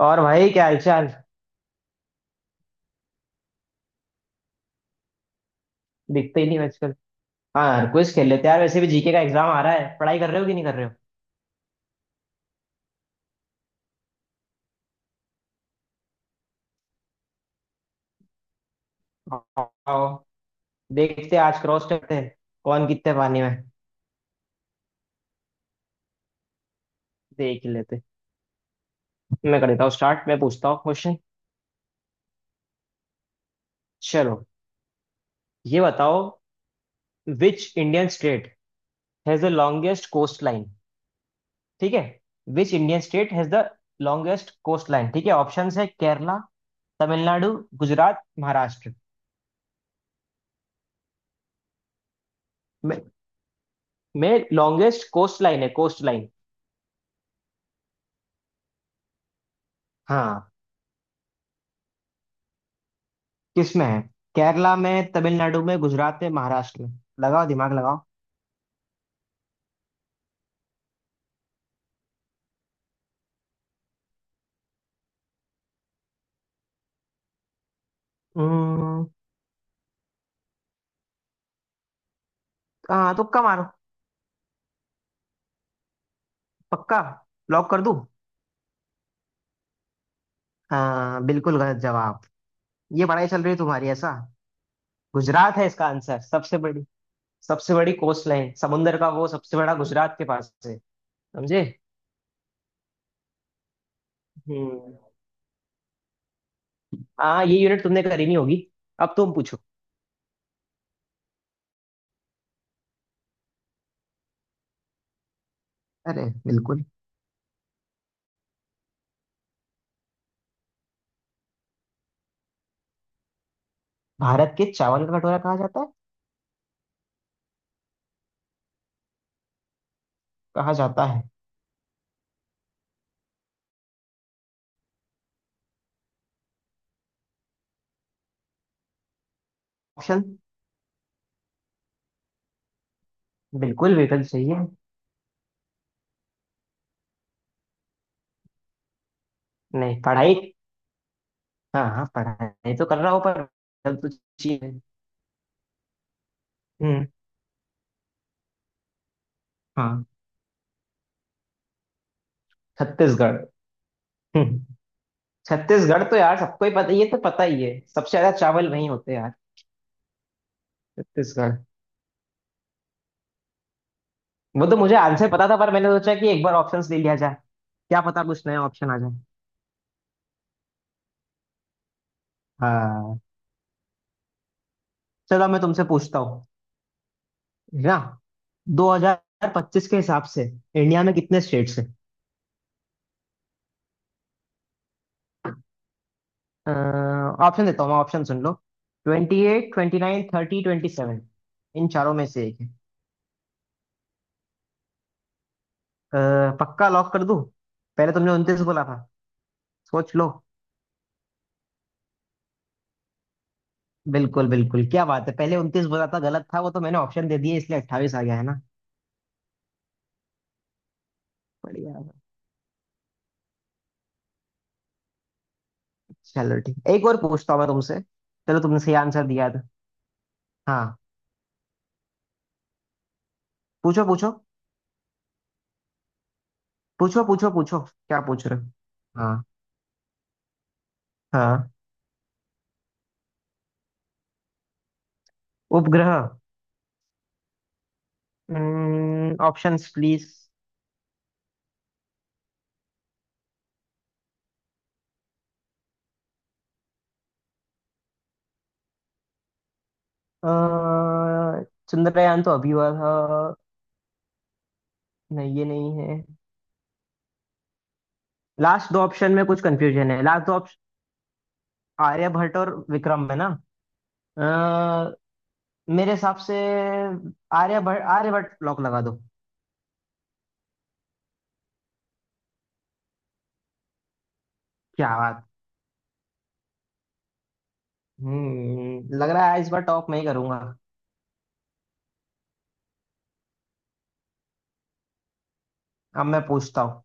और भाई, क्या हालचाल। दिखते ही नहीं हो आजकल। हाँ, क्विज खेल लेते हैं यार, वैसे भी जीके का एग्जाम आ रहा है। पढ़ाई कर रहे हो कि नहीं कर रहे हो। आओ, देखते हैं आज क्रॉस करते हैं कौन कितने पानी में। देख ही लेते हैं। मैं कर देता हूँ स्टार्ट। मैं पूछता हूँ क्वेश्चन। चलो, ये बताओ, which Indian state has the longest coast line. ठीक है। Which Indian state has the longest coast line. ठीक है, ऑप्शंस है केरला, तमिलनाडु, गुजरात, महाराष्ट्र। में लॉन्गेस्ट कोस्ट लाइन है, कोस्ट लाइन। हाँ, किस में है? केरला में, तमिलनाडु में, गुजरात में, महाराष्ट्र में। लगाओ दिमाग लगाओ। हम्म। हाँ, तुक्का मारो। पक्का? लॉक कर दूं? हाँ बिल्कुल, गलत जवाब। ये पढ़ाई चल रही है तुम्हारी, ऐसा? गुजरात है इसका आंसर, सबसे बड़ी। सबसे बड़ी कोस्ट लाइन, समुंदर का वो सबसे बड़ा गुजरात के पास है। समझे? हम्म। हाँ, ये यूनिट तुमने करी नहीं होगी। अब तुम पूछो। अरे, बिल्कुल। भारत के चावल का कटोरा कहा जाता है। कहा जाता है। ऑप्शन? बिल्कुल बिल्कुल सही है। नहीं पढ़ाई। हाँ हाँ, पढ़ाई तो कर रहा हूँ पर हेल्प तो चाहिए। हम्म। हाँ, छत्तीसगढ़। हम्म। छत्तीसगढ़ तो यार सबको ही पता, ये तो पता ही है, सबसे ज्यादा चावल वहीं होते हैं यार। छत्तीसगढ़। वो तो मुझे आंसर पता था, पर मैंने सोचा कि एक बार ऑप्शंस ले लिया जाए, क्या पता कुछ नया ऑप्शन आ जाए। हाँ, चलो मैं तुमसे पूछता हूँ। है ना? 2025 के हिसाब से इंडिया में कितने स्टेट्स हैं? ऑप्शन देता हूँ मैं, ऑप्शन सुन लो। Twenty eight, twenty nine, thirty, twenty seven. इन चारों में से एक है। अ, पक्का? लॉक कर दूं? पहले तुमने उनतीस बोला था। सोच लो। बिल्कुल बिल्कुल, क्या बात है। पहले उनतीस बोला था, गलत था वो, तो मैंने ऑप्शन दे दिए इसलिए 28 आ गया, है ना? बढ़िया बढ़िया। चलो ठीक, एक और पूछता हूँ मैं तुमसे। चलो तुमने सही आंसर दिया था। हाँ, पूछो पूछो पूछो पूछो पूछो, क्या पूछ रहे हो। हाँ हाँ, उपग्रह। Options please. चंद्रयान तो अभी हुआ था, नहीं ये नहीं है। लास्ट दो ऑप्शन में कुछ कंफ्यूजन है, लास्ट दो ऑप्शन आर्यभट्ट और विक्रम, है ना? अ, मेरे हिसाब से आर्यभट्ट। आर्यभट्ट लॉक लगा दो। क्या बात। लग रहा है इस बार टॉप मैं ही करूंगा। अब मैं पूछता हूँ।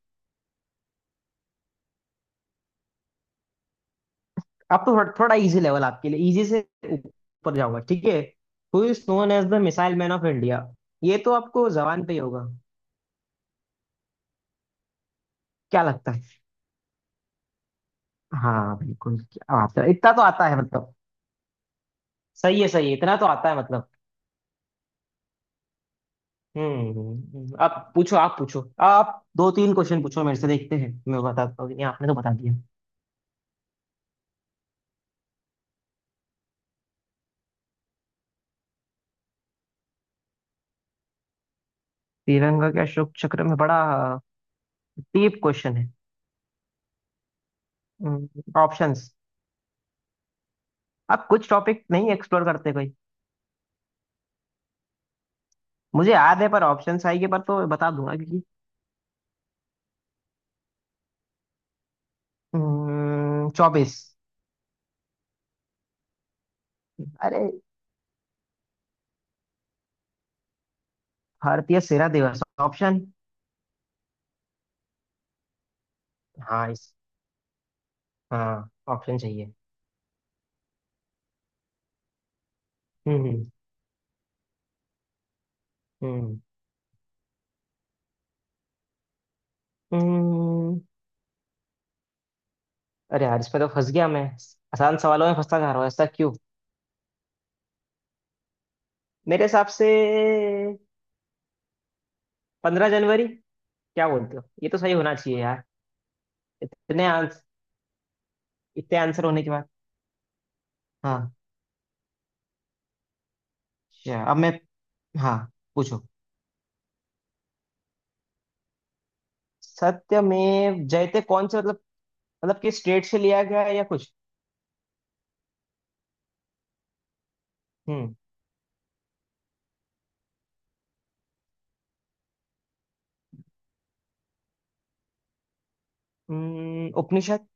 अब तो थोड़ा थोड़ा इजी लेवल आपके लिए, इजी से ऊपर जाऊंगा, ठीक है। Who is known as the missile man of India. ये तो आपको जबान पे ही होगा, क्या लगता है। हाँ बिल्कुल, क्या बात है, इतना तो आता है मतलब। सही है सही है, इतना तो आता है मतलब। अब पूछो, आप पूछो। आप दो तीन क्वेश्चन पूछो मेरे से, देखते हैं मैं बताता हूँ कि नहीं, आपने तो बता दिया। श्रीलंका के अशोक चक्र में बड़ा डीप क्वेश्चन है। ऑप्शंस। आप कुछ टॉपिक नहीं एक्सप्लोर करते कोई। मुझे याद है, पर ऑप्शंस आएंगे पर तो बता दूंगा क्योंकि चौबीस। अरे, भारतीय सेना दिवस ऑप्शन। हाँ इस, हाँ ऑप्शन चाहिए। हम्म। हम्म। हम्म। हम्म। अरे यार, इसमें तो फंस गया मैं। आसान सवालों में फंसता जा रहा हूँ, ऐसा क्यों। मेरे हिसाब से पंद्रह जनवरी। क्या बोलते हो, ये तो सही होना चाहिए यार। इतने आंस, इतने आंसर होने के बाद। हाँ। अच्छा, अब मैं। हाँ, पूछो। सत्य में जयते कौन से मतलब, मतलब किस स्टेट से लिया गया है या कुछ। हम्म। उपनिषद।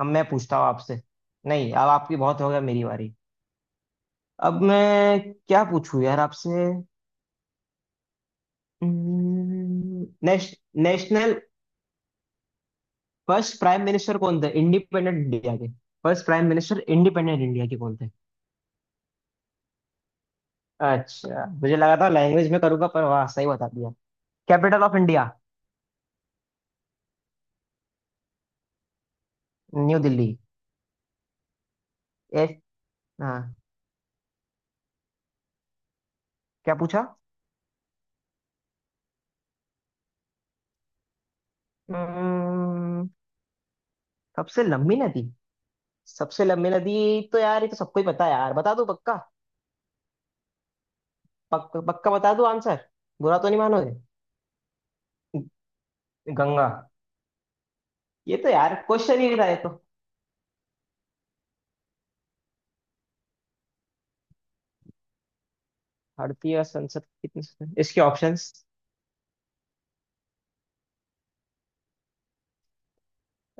अब मैं पूछता हूँ आपसे। नहीं अब आपकी बहुत हो गया, मेरी बारी। अब मैं क्या पूछूं यार आपसे। हम्म, नेश, नेशनल फर्स्ट प्राइम मिनिस्टर कौन थे इंडिपेंडेंट इंडिया के। First prime minister independent India के कौन थे। अच्छा मुझे लगा था लैंग्वेज में करूंगा, पर वाह सही बता दिया। Capital of India. New Delhi. ए, हाँ, क्या पूछा। हम्म, सबसे लंबी नदी। सबसे लंबी नदी तो यार ये तो सबको ही पता है यार, बता दो पक्का। पक्का बता दो आंसर, बुरा तो नहीं मानोगे। ग- गंगा। ये तो यार क्वेश्चन ही नहीं था ये तो। भारतीय संसद कितने, इसके ऑप्शंस।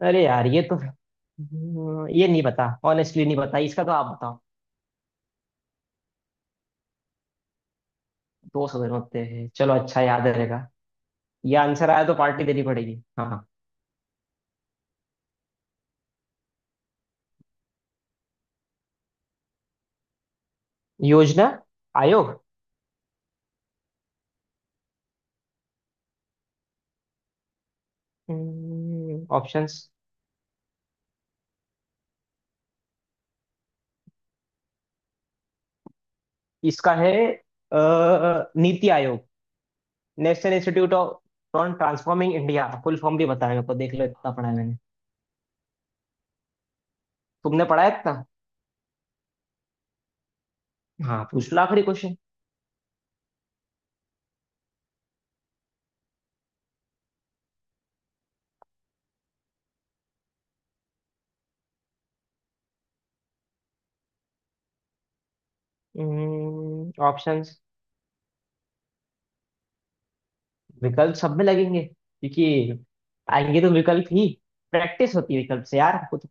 अरे यार ये तो ये नहीं पता, ऑनेस्टली नहीं पता इसका, तो आप बताओ। दो सौ दिन होते हैं, चलो अच्छा याद रहेगा। ये आंसर आया तो पार्टी देनी पड़ेगी। हाँ हाँ, योजना आयोग ऑप्शंस। इसका है नीति Aayog. National institute of on transforming India, full form भी बताया मेरे को, देख लो इतना पढ़ा है मैंने। तुमने पढ़ा है इतना। हाँ, पूछ लो आखिरी क्वेश्चन। ऑप्शंस। विकल्प सब में लगेंगे क्योंकि आएंगे तो विकल्प ही। प्रैक्टिस होती है विकल्प से यार कुछ।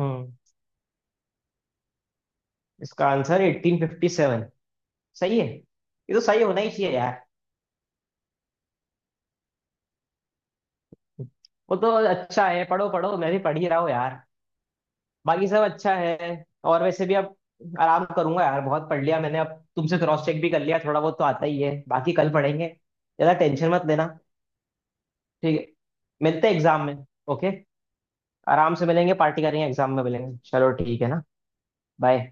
हम्म। इसका आंसर 1857। सही है, ये तो सही होना ही चाहिए यार। वो तो अच्छा है, पढ़ो पढ़ो, मैं भी पढ़ ही रहा हूँ यार। बाकी सब अच्छा है। और वैसे भी अब आराम करूंगा यार, बहुत पढ़ लिया मैंने अब। तुमसे क्रॉस चेक भी कर लिया, थोड़ा बहुत तो आता ही है, बाकी कल पढ़ेंगे, ज्यादा टेंशन मत लेना। ठीक है, मिलते हैं एग्जाम में। ओके। आराम से मिलेंगे, पार्टी करेंगे, एग्जाम में मिलेंगे, चलो ठीक है ना। बाय।